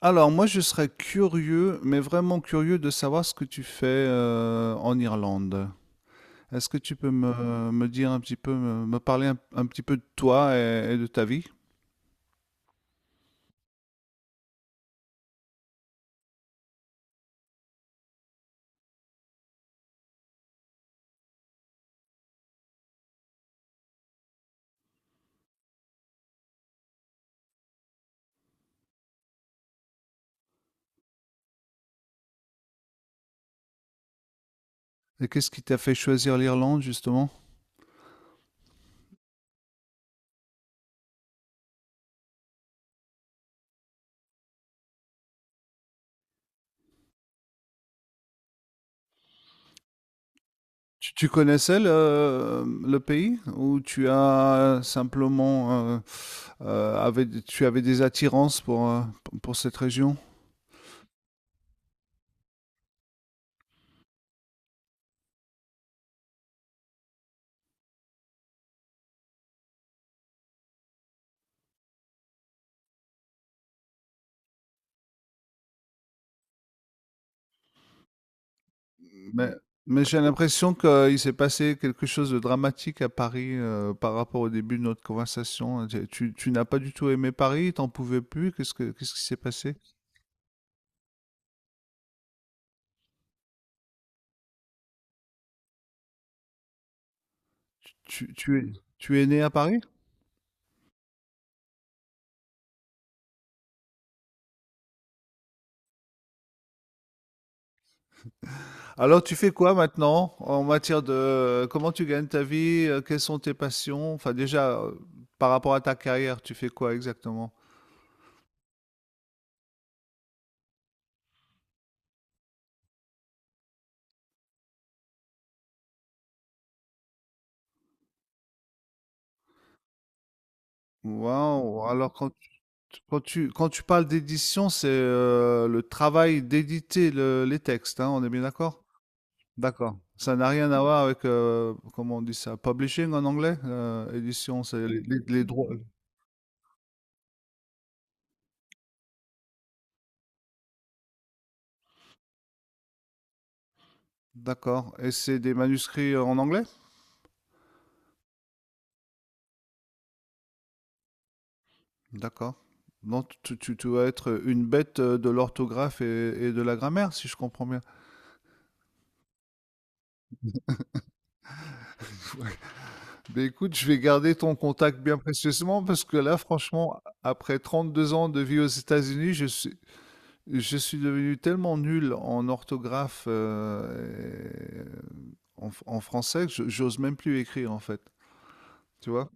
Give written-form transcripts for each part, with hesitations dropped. Alors moi je serais curieux, mais vraiment curieux de savoir ce que tu fais en Irlande. Est-ce que tu peux me dire un petit peu, me parler un petit peu de toi et de ta vie? Et qu'est-ce qui t'a fait choisir l'Irlande justement? Tu connaissais le pays ou tu as simplement tu avais des attirances pour, pour cette région? Mais, mais j'ai l'impression qu'il s'est passé quelque chose de dramatique à Paris par rapport au début de notre conversation. Tu n'as pas du tout aimé Paris, t'en pouvais plus. Qu'est-ce qui s'est passé? Tu, tu es, Tu es né à Paris? Alors tu fais quoi maintenant en matière de comment tu gagnes ta vie, quelles sont tes passions? Enfin déjà, par rapport à ta carrière, tu fais quoi exactement? Waouh, quand tu parles d'édition, c'est le travail d'éditer les textes, hein, on est bien d'accord? D'accord. Ça n'a rien à voir avec, comment on dit ça, publishing en anglais? Édition, c'est les droits. D'accord. Et c'est des manuscrits en anglais? D'accord. Donc tu vas être une bête de l'orthographe et de la grammaire, si je comprends bien. Mais écoute, je vais garder ton contact bien précieusement parce que là, franchement, après 32 ans de vie aux États-Unis, je suis devenu tellement nul en orthographe et en français que j'ose même plus écrire en fait. Tu vois?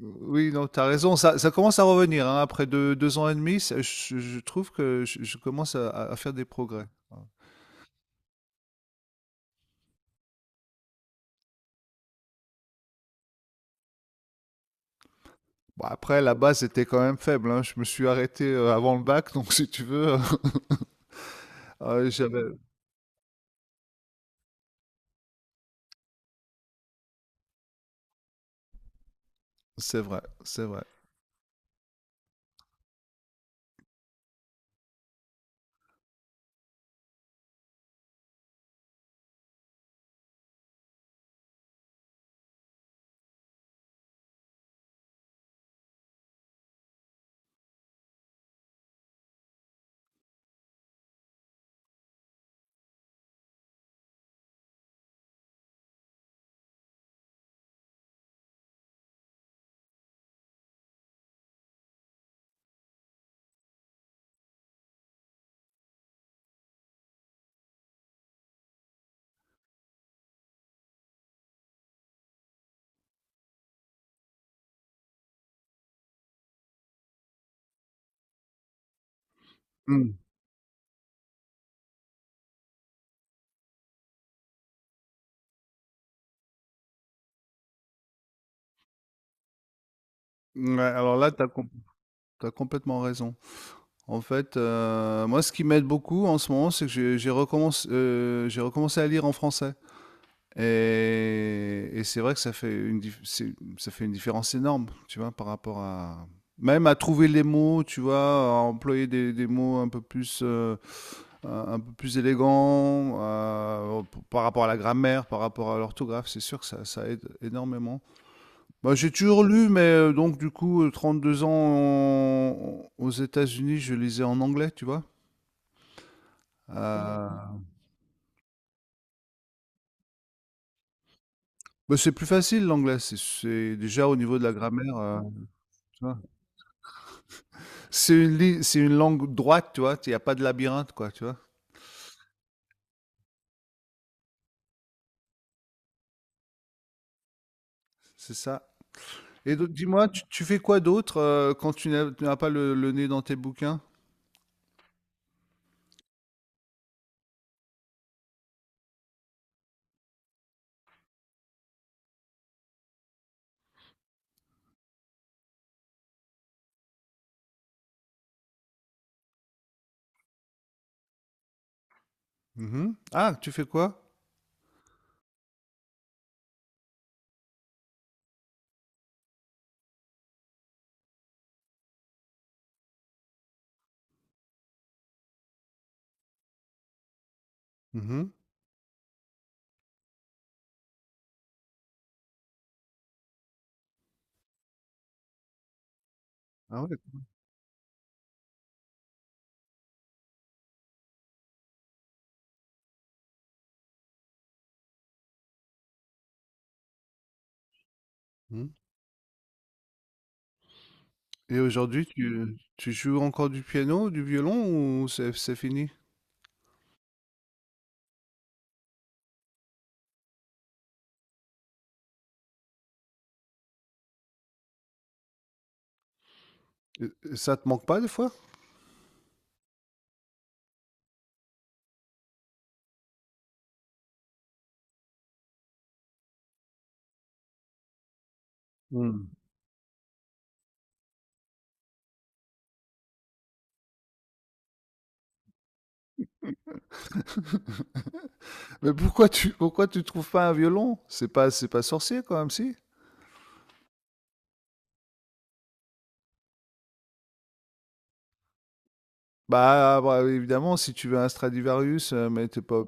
Oui, non, t'as raison, ça commence à revenir, hein, après 2 2 ans et demi, ça je trouve que je commence à faire des progrès. Ouais. Bon après la base était quand même faible, hein, je me suis arrêté, avant le bac donc si tu veux, j'avais c'est vrai, c'est vrai. Mmh. Ouais, alors là, t'as com tu complètement raison. En fait, moi ce qui m'aide beaucoup en ce moment, c'est que j'ai recommencé à lire en français. Et c'est vrai que ça fait une différence énorme, tu vois, par rapport à... Même à trouver les mots, tu vois, à employer des mots un peu plus, un peu plus élégants, par rapport à la grammaire, par rapport à l'orthographe, c'est sûr que ça aide énormément. Bah, j'ai toujours lu, mais donc du coup, aux États-Unis, je lisais en anglais, tu vois. Euh, bah, c'est plus facile l'anglais, déjà au niveau de la grammaire. Tu vois. C'est une langue droite, tu vois. Il n'y a pas de labyrinthe, quoi, tu vois. C'est ça. Et donc, dis-moi, tu fais quoi d'autre quand tu n'as pas le nez dans tes bouquins? Mhm. Ah, tu fais quoi? Mhm. Ah ouais. Mhm. Et aujourd'hui, tu joues encore du piano, du violon ou c'est fini? Et- et ça te manque pas des fois? Mais pourquoi tu trouves pas un violon? C'est pas sorcier quand même si? Bah, bah, évidemment si tu veux un Stradivarius mais t'es pas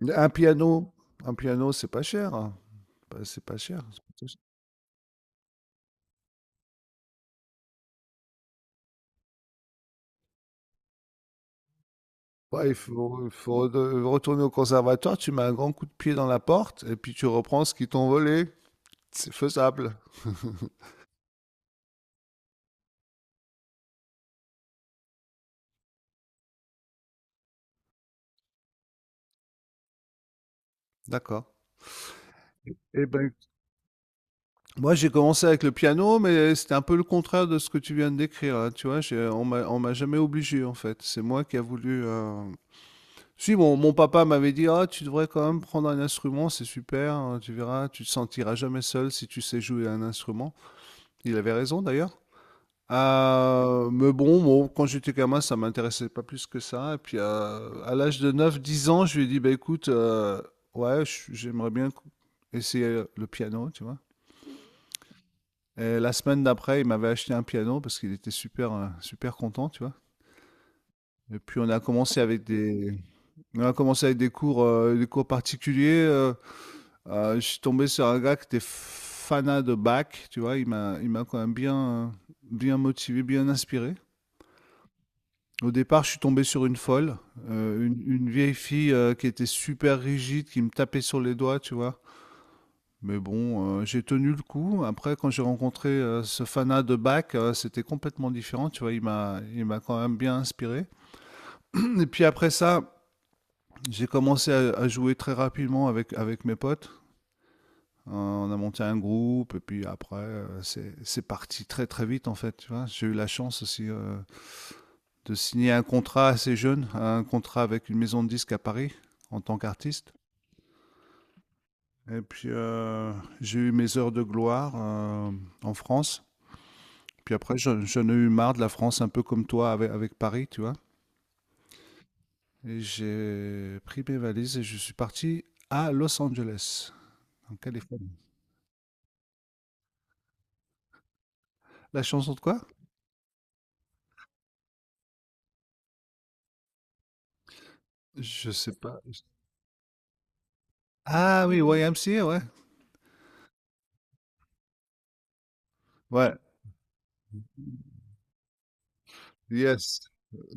Un piano, un piano, c'est pas cher, hein. Bah, c'est pas cher. C'est pas cher. Ouais, il faut retourner au conservatoire, tu mets un grand coup de pied dans la porte et puis tu reprends ce qu'ils t'ont volé. C'est faisable. D'accord. Eh ben, moi j'ai commencé avec le piano, mais c'était un peu le contraire de ce que tu viens de décrire. Là, tu vois, on m'a jamais obligé en fait. C'est moi qui a voulu. Si mon papa m'avait dit, ah, tu devrais quand même prendre un instrument, c'est super. Hein, tu verras, tu te sentiras jamais seul si tu sais jouer un instrument. Il avait raison d'ailleurs. Mais bon, quand j'étais gamin, ça m'intéressait pas plus que ça. Et puis à l'âge de neuf, dix ans, je lui ai dit, bah écoute, ouais, j'aimerais essayer le piano, tu vois. Et la semaine d'après, il m'avait acheté un piano parce qu'il était super, super content, tu vois. Et puis on a commencé avec des cours particuliers. Je suis tombé sur un gars qui était fanat de Bach, tu vois. Il m'a quand même bien, euh, bien motivé, bien inspiré. Au départ, je suis tombé sur une folle, une vieille fille qui était super rigide, qui me tapait sur les doigts, tu vois. Mais bon, j'ai tenu le coup. Après, quand j'ai rencontré ce fanat de Bach, c'était complètement différent, tu vois. Il m'a quand même bien inspiré. Et puis après ça, j'ai commencé à jouer très rapidement avec mes potes. On a monté un groupe, et puis après, c'est parti très très vite, en fait, tu vois. J'ai eu la chance aussi. De signer un contrat assez jeune, un contrat avec une maison de disques à Paris en tant qu'artiste. Et puis j'ai eu mes heures de gloire en France. Puis après, j'en ai eu marre de la France, un peu comme toi avec Paris, tu vois. Et j'ai pris mes valises et je suis parti à Los Angeles, en Californie. La chanson de quoi? Je sais pas. Ah oui, YMCA, ouais. Ouais, yes,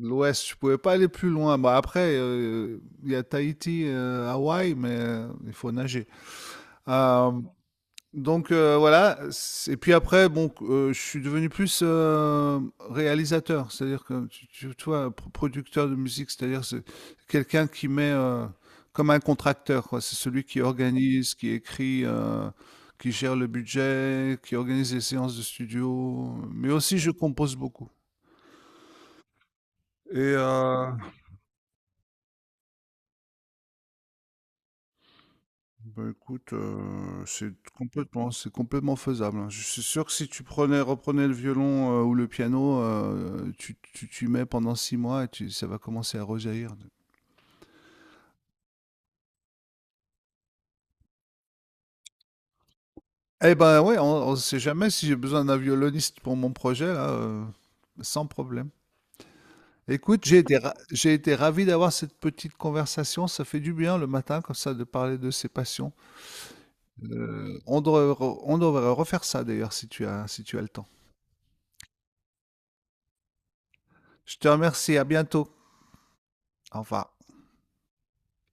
l'Ouest, je pouvais pas aller plus loin. Bah après, il y a Tahiti, Hawaï, mais il faut nager. Euh, donc voilà. Et puis après, je suis devenu plus réalisateur, c'est-à-dire que tu vois, producteur de musique, c'est-à-dire c'est quelqu'un qui met comme un contracteur, quoi. C'est celui qui organise, qui écrit. Qui gère le budget, qui organise les séances de studio, mais aussi je compose beaucoup. Et euh, Bah écoute, c'est complètement faisable, hein. Je suis sûr que si tu prenais reprenais le violon, ou le piano, tu t'y mets pendant 6 mois et tu ça va commencer à rejaillir eh ben, ouais, on sait jamais si j'ai besoin d'un violoniste pour mon projet là, sans problème. Écoute, j'ai été ravi d'avoir cette petite conversation, ça fait du bien le matin comme ça de parler de ses passions. On devrait refaire ça d'ailleurs si tu as le temps. Je te remercie, à bientôt. Au revoir.